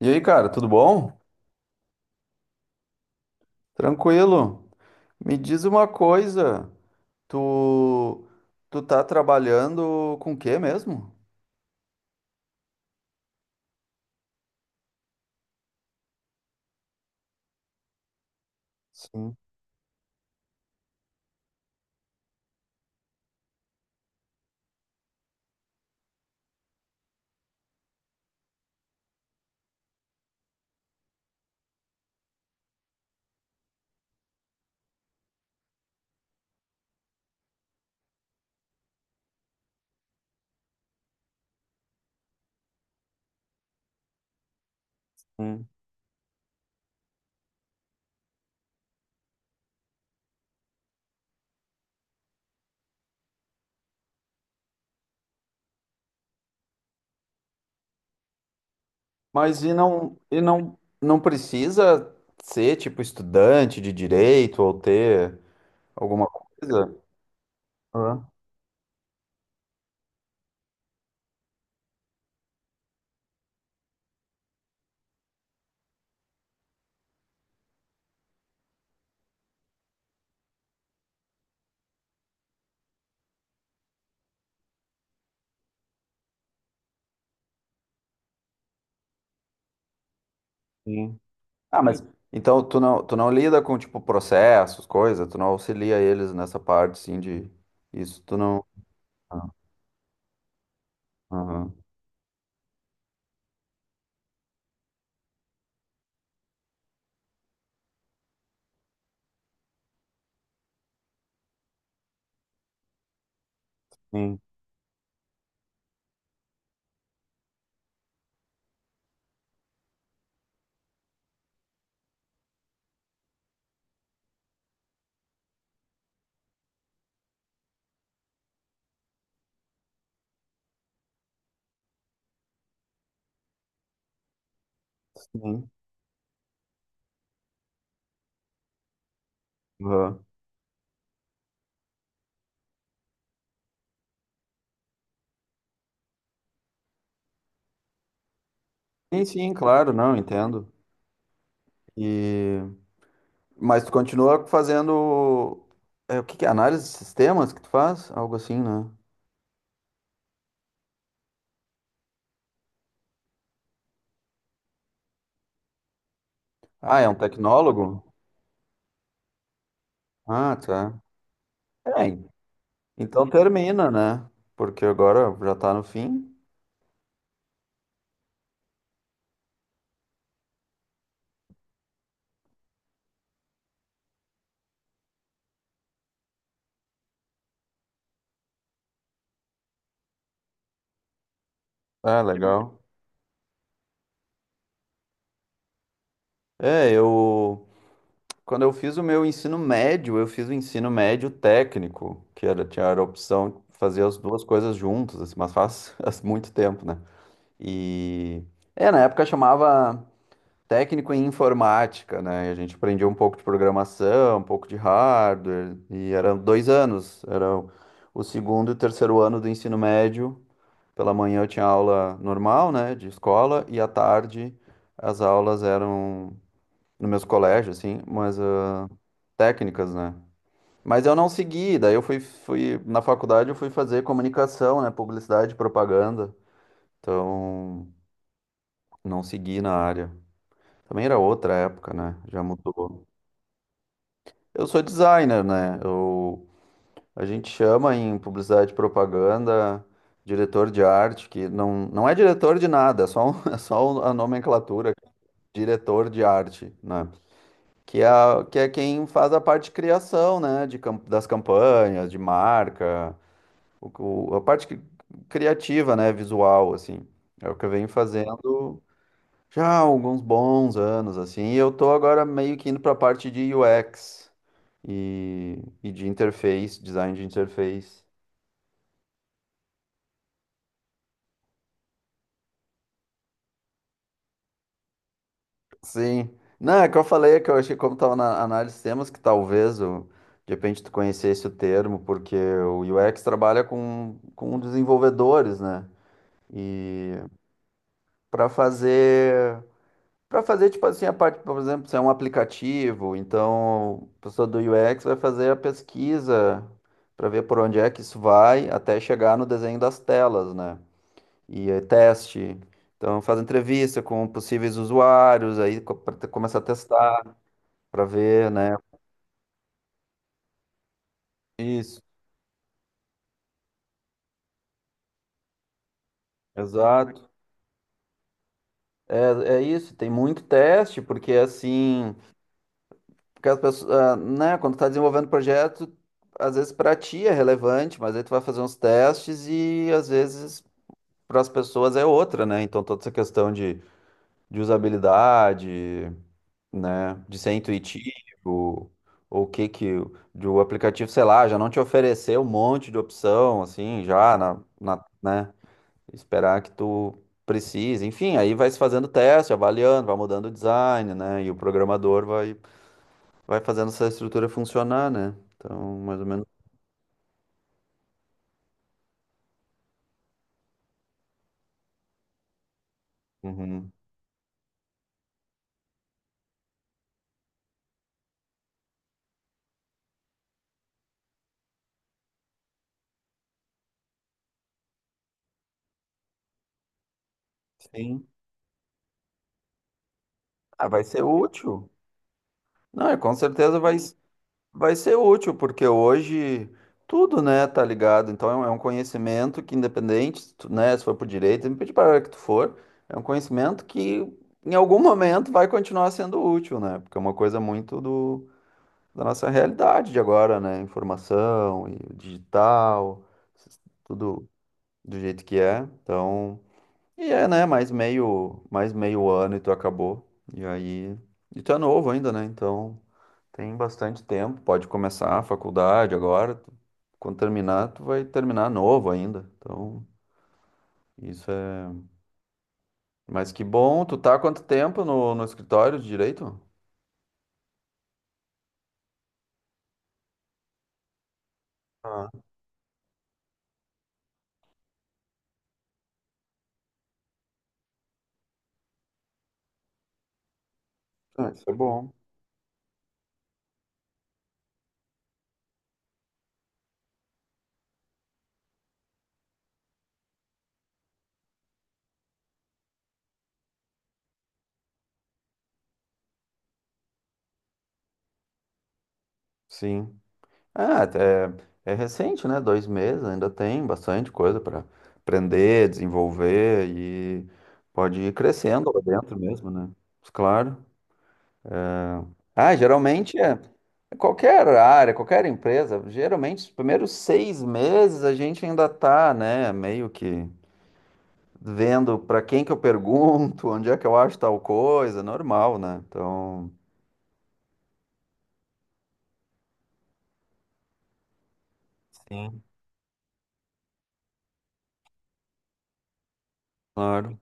E aí, cara, tudo bom? Tranquilo. Me diz uma coisa, tu tu tá trabalhando com o quê mesmo? Sim. Hum. Mas e não precisa ser tipo estudante de direito ou ter alguma coisa? Hã? Ah, mas então tu não lida com tipo processos, coisa, tu não auxilia eles nessa parte sim de isso, tu não. Ah, aham. Sim, sim. Aham. Sim, sim, claro, não, entendo. E... Mas tu continua fazendo. É, o que que é? Análise de sistemas que tu faz? Algo assim, né? Ah, é um tecnólogo? Ah, tá. É, então termina, né? Porque agora já tá no fim. Ah, legal. É, eu. Quando eu fiz o meu ensino médio, eu fiz o ensino médio técnico, que era, tinha a opção de fazer as duas coisas juntas, assim, mas faz, faz muito tempo, né? E. É, na época chamava, técnico em informática, né? E a gente aprendia um pouco de programação, um pouco de hardware, e eram 2 anos, era o segundo e o terceiro ano do ensino médio. Pela manhã eu tinha aula normal, né, de escola, e à tarde as aulas eram no meus colégios, assim, mas técnicas, né? Mas eu não segui, daí eu fui na faculdade eu fui fazer comunicação, né, publicidade e propaganda. Então, não segui na área. Também era outra época, né? Já mudou. Eu sou designer, né? A gente chama em publicidade e propaganda diretor de arte, que não, não é diretor de nada, é só a nomenclatura, diretor de arte, né? Que é quem faz a parte de criação, né? De, das campanhas, de marca, a parte criativa, né? Visual, assim. É o que eu venho fazendo já há alguns bons anos, assim, e eu tô agora meio que indo para a parte de UX e de interface, design de interface. Sim. Não, é que eu falei que eu achei como tava na análise de temas que talvez o, de repente tu conhecesse o termo, porque o UX trabalha com desenvolvedores, né? E para fazer. Para fazer, tipo assim, a parte, por exemplo, se é um aplicativo, então a pessoa do UX vai fazer a pesquisa para ver por onde é que isso vai até chegar no desenho das telas, né? E aí, teste. Então faz entrevista com possíveis usuários, aí para começar a testar, para ver, né? Isso, exato. É, é isso, tem muito teste, porque assim, porque as pessoas, né, quando tá desenvolvendo projeto, às vezes para ti é relevante, mas aí tu vai fazer uns testes e às vezes para as pessoas é outra, né? Então toda essa questão de usabilidade, né? De ser intuitivo, ou o que que o de o aplicativo, sei lá, já não te oferecer um monte de opção, assim, já né? Esperar que tu precise. Enfim, aí vai se fazendo teste, avaliando, vai mudando o design, né? E o programador vai fazendo essa estrutura funcionar, né? Então, mais ou menos. Uhum. Sim. Ah, vai ser útil. Não, e com certeza vai ser útil, porque hoje tudo, né, tá ligado. Então é um conhecimento que, independente, se tu, né, se for por direito, independente para a área que tu for, é um conhecimento que em algum momento vai continuar sendo útil, né? Porque é uma coisa muito do, da nossa realidade de agora, né? Informação e o digital, s- tudo do jeito que é. Então, e é, né, mais meio ano e tu acabou. E aí, e tu é novo ainda, né? Então. Tem bastante tempo, pode começar a faculdade agora. Quando terminar, tu vai terminar novo ainda. Então, isso é. Mas que bom, tu tá há quanto tempo no escritório de direito? Ah, ah, isso é bom. Sim. Ah, é recente, né? 2 meses, ainda tem bastante coisa para aprender, desenvolver e pode ir crescendo lá dentro mesmo, né? Claro. Ah, geralmente é qualquer área, qualquer empresa, geralmente os primeiros 6 meses a gente ainda tá, né, meio que vendo para quem que eu pergunto, onde é que eu acho tal coisa, normal, né? Então, Sim. Claro,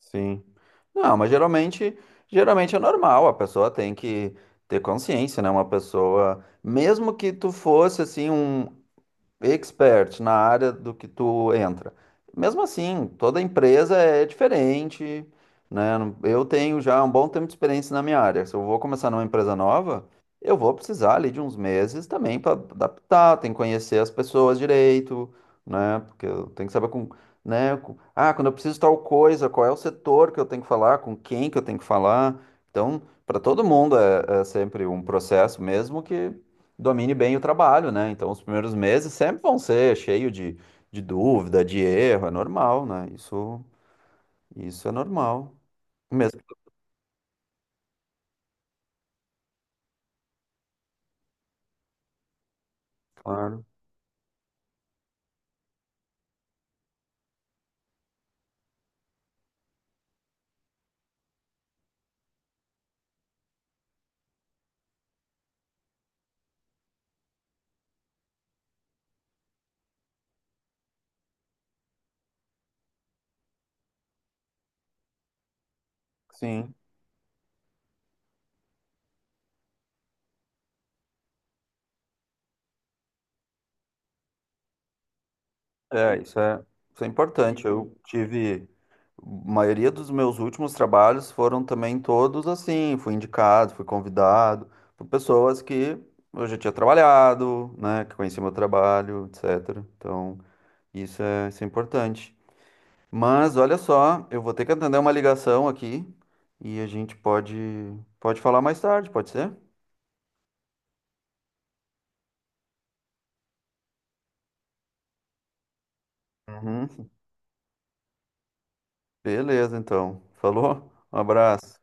sim. Não, mas geralmente, é normal, a pessoa tem que ter consciência, né? Uma pessoa, mesmo que tu fosse assim um expert na área do que tu entra. Mesmo assim, toda empresa é diferente, né? Eu tenho já um bom tempo de experiência na minha área. Se eu vou começar numa empresa nova, eu vou precisar ali de uns meses também para adaptar, tem que conhecer as pessoas direito, né? Porque eu tenho que saber com, né? Quando eu preciso tal coisa, qual é o setor que eu tenho que falar, com quem que eu tenho que falar. Então, para todo mundo é sempre um processo, mesmo que domine bem o trabalho, né? Então, os primeiros meses sempre vão ser cheio de, dúvida, de erro, é normal, né? Isso, isso é normal. Mesmo, claro. Sim, é, isso é importante. A maioria dos meus últimos trabalhos foram também todos assim, fui indicado, fui convidado por pessoas que eu já tinha trabalhado, né, que conheciam meu trabalho, etc. Então, isso é importante. Mas olha só, eu vou ter que atender uma ligação aqui e a gente pode falar mais tarde, pode ser? Uhum. Beleza, então. Falou? Um abraço.